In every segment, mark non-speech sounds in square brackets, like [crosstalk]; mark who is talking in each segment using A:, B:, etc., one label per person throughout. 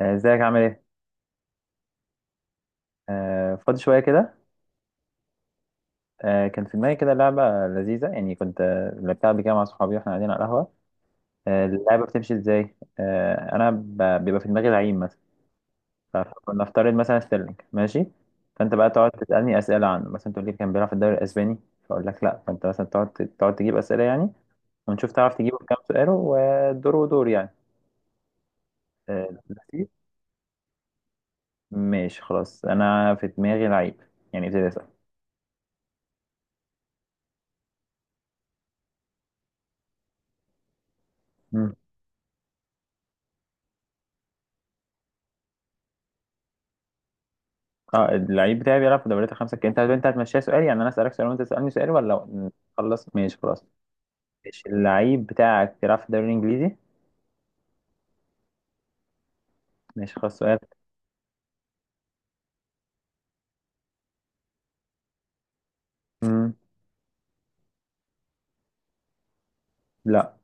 A: ازيك عامل ايه؟ فاضي شوية كده. كان في دماغي كده لعبة لذيذة، يعني كنت لعبتها قبل كده مع صحابي واحنا قاعدين على القهوة. اللعبة بتمشي ازاي؟ بيبقى في دماغي لعيب مثلا، فنفترض مثلا ستيرلينج. ماشي؟ فأنت بقى تقعد تسألني أسئلة عنه، مثلا تقول لي كان بيلعب في الدوري الأسباني، فأقول لك لأ، فأنت مثلا تقعد تجيب أسئلة يعني، ونشوف تعرف تجيبه في كام سؤال. ودور ودور يعني. آه، لذيذ؟ ماشي خلاص، أنا في دماغي لعيب، يعني ابتدي أسأل. اه، اللعيب بتاعي بيلعب في دوريات الخمسة الكبرى. انت هتمشيها سؤال يعني، انا اسالك سؤال وانت تسالني سؤال ولا؟ خلص ماشي خلاص. ماشي، اللعيب بتاعك بيلعب في الدوري الانجليزي؟ ماشي خلاص، سؤال. مم. لا،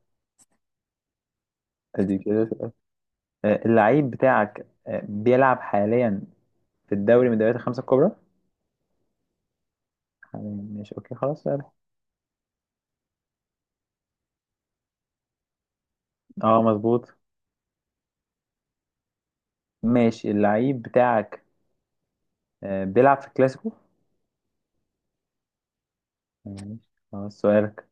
A: ادي كده سؤال. اللعيب بتاعك بيلعب حاليا في الدوري من الدوريات الخمسة الكبرى حاليا. ماشي اوكي خلاص سؤال. اه مظبوط. ماشي، اللعيب بتاعك بيلعب في الكلاسيكو. ماشي خلاص سؤالك.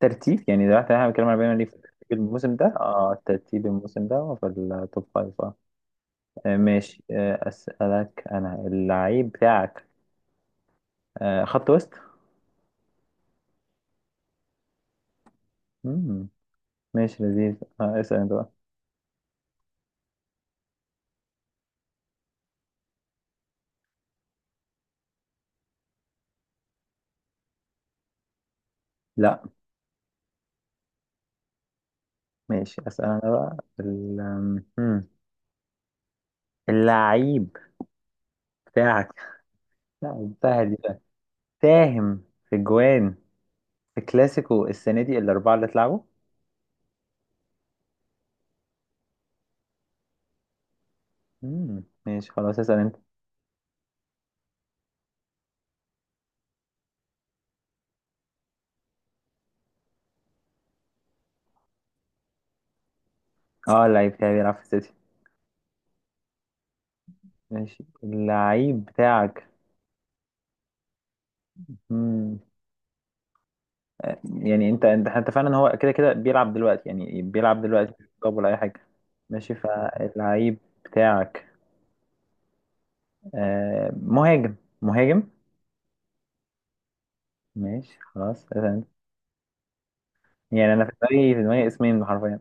A: ترتيب يعني دلوقتي احنا بنتكلم على بينا ليه، في الموسم ده؟ اه، ترتيب الموسم ده في التوب فايف. ماشي. أسألك أنا، اللعيب بتاعك خط وسط؟ مم، ماشي لذيذ. اسأل أنت بقى. لا. ماشي أسأل أنا بقى. اللعيب بتاعك؟ لا سهل دي بقى. ساهم في جوان، في كلاسيكو السنة دي الأربعة اللي اتلعبوا. مم، ماشي خلاص اسأل أنت. اه، اللعيب بتاعي بيلعب في السيتي. ماشي، اللعيب بتاعك. مم. يعني انت فعلا هو كده بيلعب دلوقتي، يعني بيلعب دلوقتي طب ولا اي حاجه؟ ماشي، فاللعيب بتاعك مهاجم، مهاجم؟ ماشي خلاص تمام. يعني انا في دماغي اسمين حرفيا.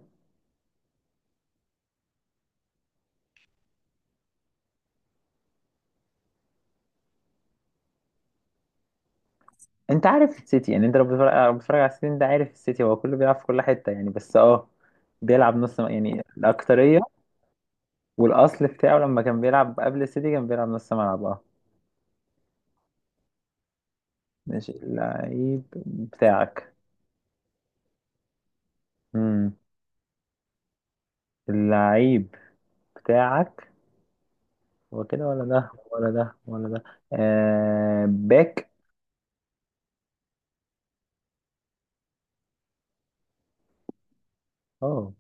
A: انت عارف السيتي يعني، انت لو بتتفرج على السيتي ده، عارف السيتي هو كله بيلعب في كل حته يعني، بس اه، يعني الاكتريه. والاصل بتاعه لما كان بيلعب قبل السيتي كان بيلعب نص ملعب اه. ماشي اللعيب بتاعك. امم اللعيب بتاعك، هو كده ولا ده ولا ده ولا ده؟ باك؟ اه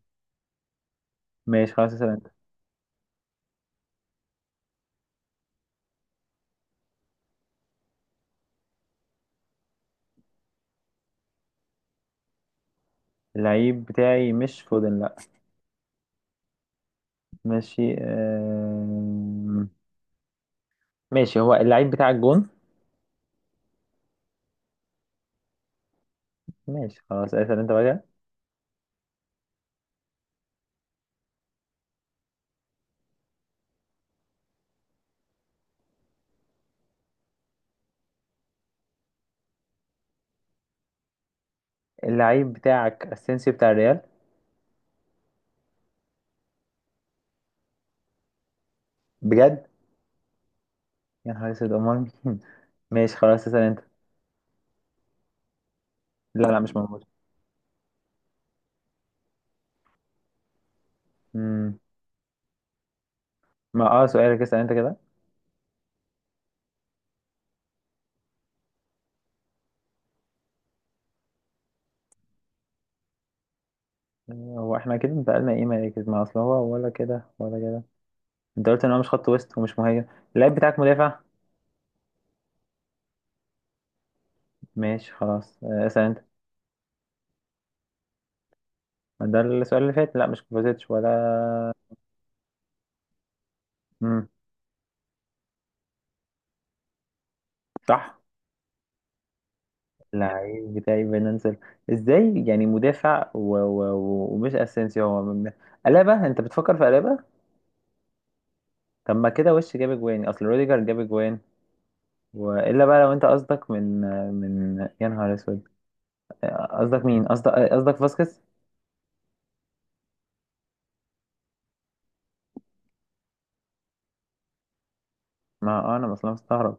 A: ماشي خلاص اسأل انت. اللعيب بتاعي مش فودن، لا. ماشي. آه، ماشي. هو اللعيب بتاعك جون؟ ماشي خلاص اسأل انت بقى. اللعيب بتاعك اسينسيو بتاع الريال؟ بجد؟ يا نهار اسود، امال مين؟ [laughs] ماشي خلاص اسأل انت. لا لا، مش موجود. مم. ما اه، سؤالك اسأل انت كده. آه، هو احنا كده انتقلنا ايه مراكز؟ ما اصل هو ولا كده ولا كده؟ انت قلت ان هو مش خط وسط ومش مهاجم. اللعيب بتاعك مدافع؟ ماشي خلاص. اسأل انت. ده السؤال اللي فات، لا مش كوفازيتش ولا. مم. صح. اللعيب بتاعي فينانسيال؟ ازاي يعني مدافع ومش اسينسيو؟ ألابا؟ انت بتفكر في ألابا؟ طب ما كده وش جاب اجوان، اصل روديجر جاب اجوان. والا بقى، لو انت قصدك من يا نهار اسود، قصدك مين؟ قصدك فاسكيز؟ ما انا اصلا مستغرب،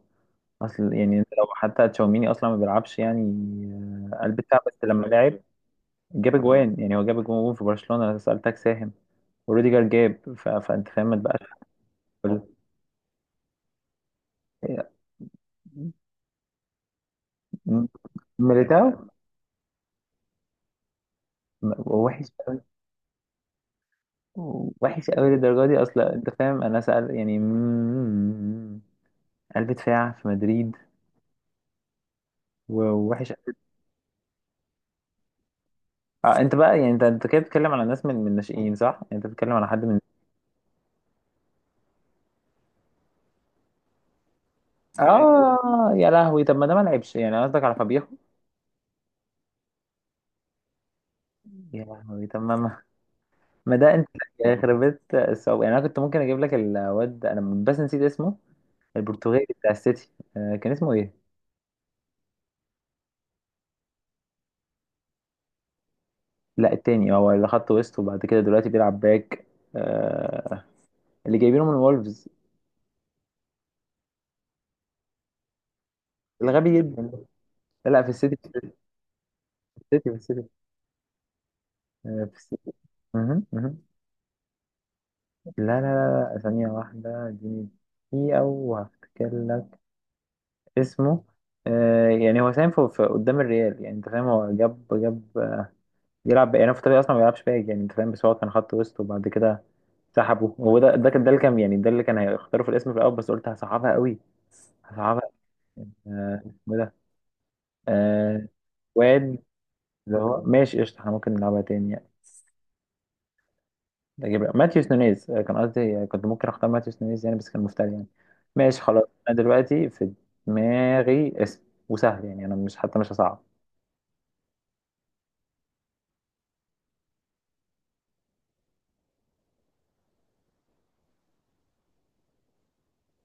A: اصل يعني انت لو حتى تشاوميني اصلا ما بيلعبش يعني، قلب دفاع بس لما لعب جاب اجوان. يعني هو جاب اجوان في برشلونة، انا سألتك ساهم. وروديجر جاب، فانت فاهم ما تبقاش. م- ميليتاو؟ م- وحش قوي، وحش قوي للدرجة دي اصلا؟ انت فاهم انا سأل يعني، قلب دفاع في مدريد ووحش. آه انت بقى يعني، انت كده بتتكلم على ناس من الناشئين صح؟ يعني انت بتتكلم على حد من اه؟ يا لهوي. طب ما ده ما لعبش يعني؟ قصدك على فابيخو؟ يا لهوي، طب ما ما ده انت يخرب بيت الصعوبة. يعني انا كنت ممكن اجيب لك الواد ده، انا بس نسيت اسمه، البرتغالي بتاع السيتي. كان اسمه ايه؟ لا التاني، هو اللي خط وسط وبعد كده دلوقتي بيلعب باك. آه، اللي جايبينه من وولفز، الغبي جدا ده. لا لا، في السيتي في السيتي. في السيتي. مهم، مهم. لا لا لا لا، ثانية واحدة اديني، دقيقة وهفتكر لك اسمه. يعني هو ساهم في قدام الريال يعني، انت فاهم، هو جاب جاب. يلعب يعني، هو في الطبيعي اصلا ما بيلعبش باك يعني، انت فاهم، بس هو كان خط وسط وبعد كده سحبه. هو ده، ده كان ده اللي كان يعني، ده اللي كان هيختاروا في الاسم في الاول، بس قلت هصعبها قوي. هصعبها. اسمه إيه ده؟ آه، واد اللي هو. ماشي قشطة، احنا ممكن نلعبها تاني يعني. اجيب ماتيوس نونيز. كان قصدي، كنت ممكن اختار ماتيوس نونيز يعني، بس كان مفتري يعني. ماشي خلاص. انا دلوقتي في دماغي اسم، وسهل يعني، انا مش حتى مش هصعب.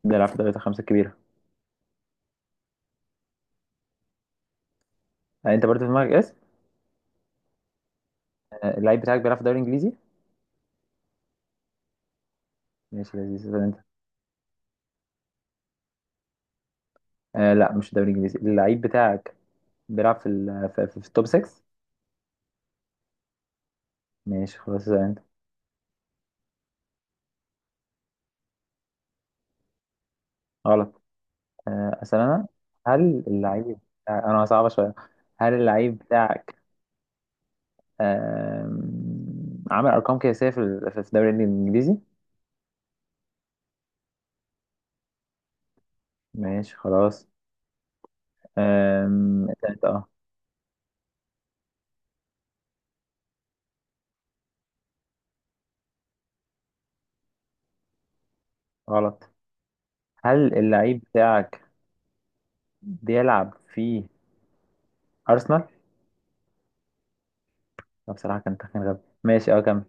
A: بيلعب في دوري الخمسة الكبيرة. انت برضه في دماغك اسم. اللعيب بتاعك بيلعب في الدوري الانجليزي؟ ماشي لذيذ ده انت. آه لا، مش الدوري الانجليزي. اللعيب بتاعك بيلعب في التوب 6. ماشي خلاص زي انت. غلط. اسال انا هل اللعيب. انا صعبه شويه. هل اللعيب بتاعك عامل ارقام قياسيه في الدوري الانجليزي؟ ماشي خلاص. اسال انت اه. غلط. هل اللعيب بتاعك بيلعب في ارسنال؟ لا، بصراحه كان تخمين غبي. ماشي اه كمل.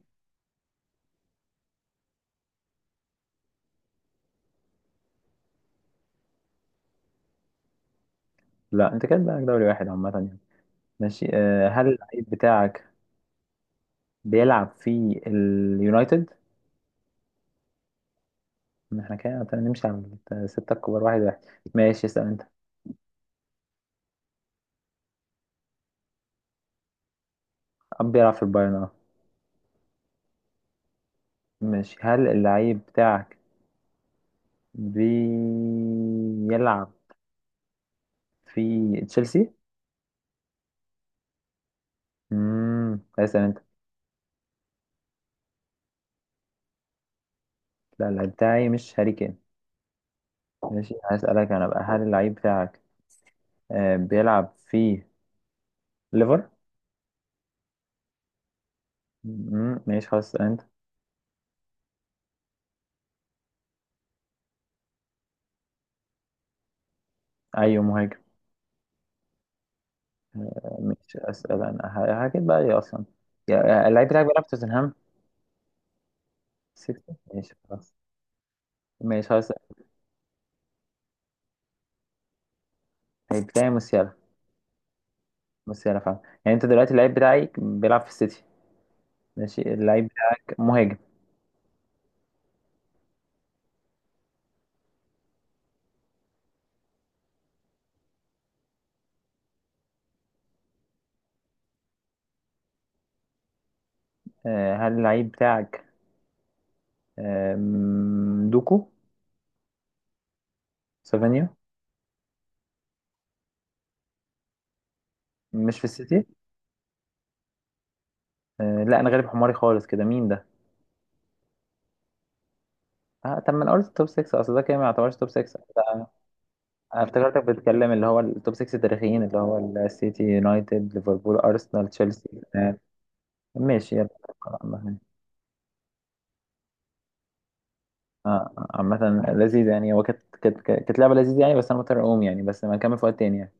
A: لا انت كده بقى دوري واحد عامه يعني. ماشي، هل اللعيب بتاعك بيلعب في اليونايتد؟ ما احنا كده نمشي على الستة الكبار واحد واحد. ماشي اسأل انت. أب بيلعب في البايرن اه. ماشي، هل اللعيب بتاعك بيلعب في تشيلسي؟ اسأل انت. لا، اللعيب بتاعي مش هاري كين. ماشي، هسألك انا بقى. هل اللعيب بتاعك بيلعب في ليفر؟ ماشي خلاص اسأل انت. ايوه مهاجم. ماشي اسأل انا، هكذا بقى ايه اصلا، اللعيب بتاعك بيلعب في توتنهام؟ سيتي. ماشي خلاص، ماشي خلاص. اللعيب بتاعي موسيالا. بس انا فاهم يعني، انت دلوقتي اللعيب بتاعك بيلعب في السيتي. ماشي، اللعيب بتاعك مهاجم. هل اللعيب بتاعك دوكو؟ سافانيا؟ مش في السيتي؟ لا انا غالب حماري خالص كده، مين ده؟ آه طب ما انا قلت توب 6، اصل ده كده ما يعتبرش توب 6. أنا افتكرتك بتتكلم اللي هو التوب 6 التاريخيين، اللي هو السيتي، يونايتد، ليفربول، ارسنال، تشيلسي. آه، ماشي يلا، عامة. عامة لذيذ يعني، هو كانت لعبة لذيذة يعني، بس انا مضطر اقوم يعني، بس ما نكمل في وقت تاني يعني.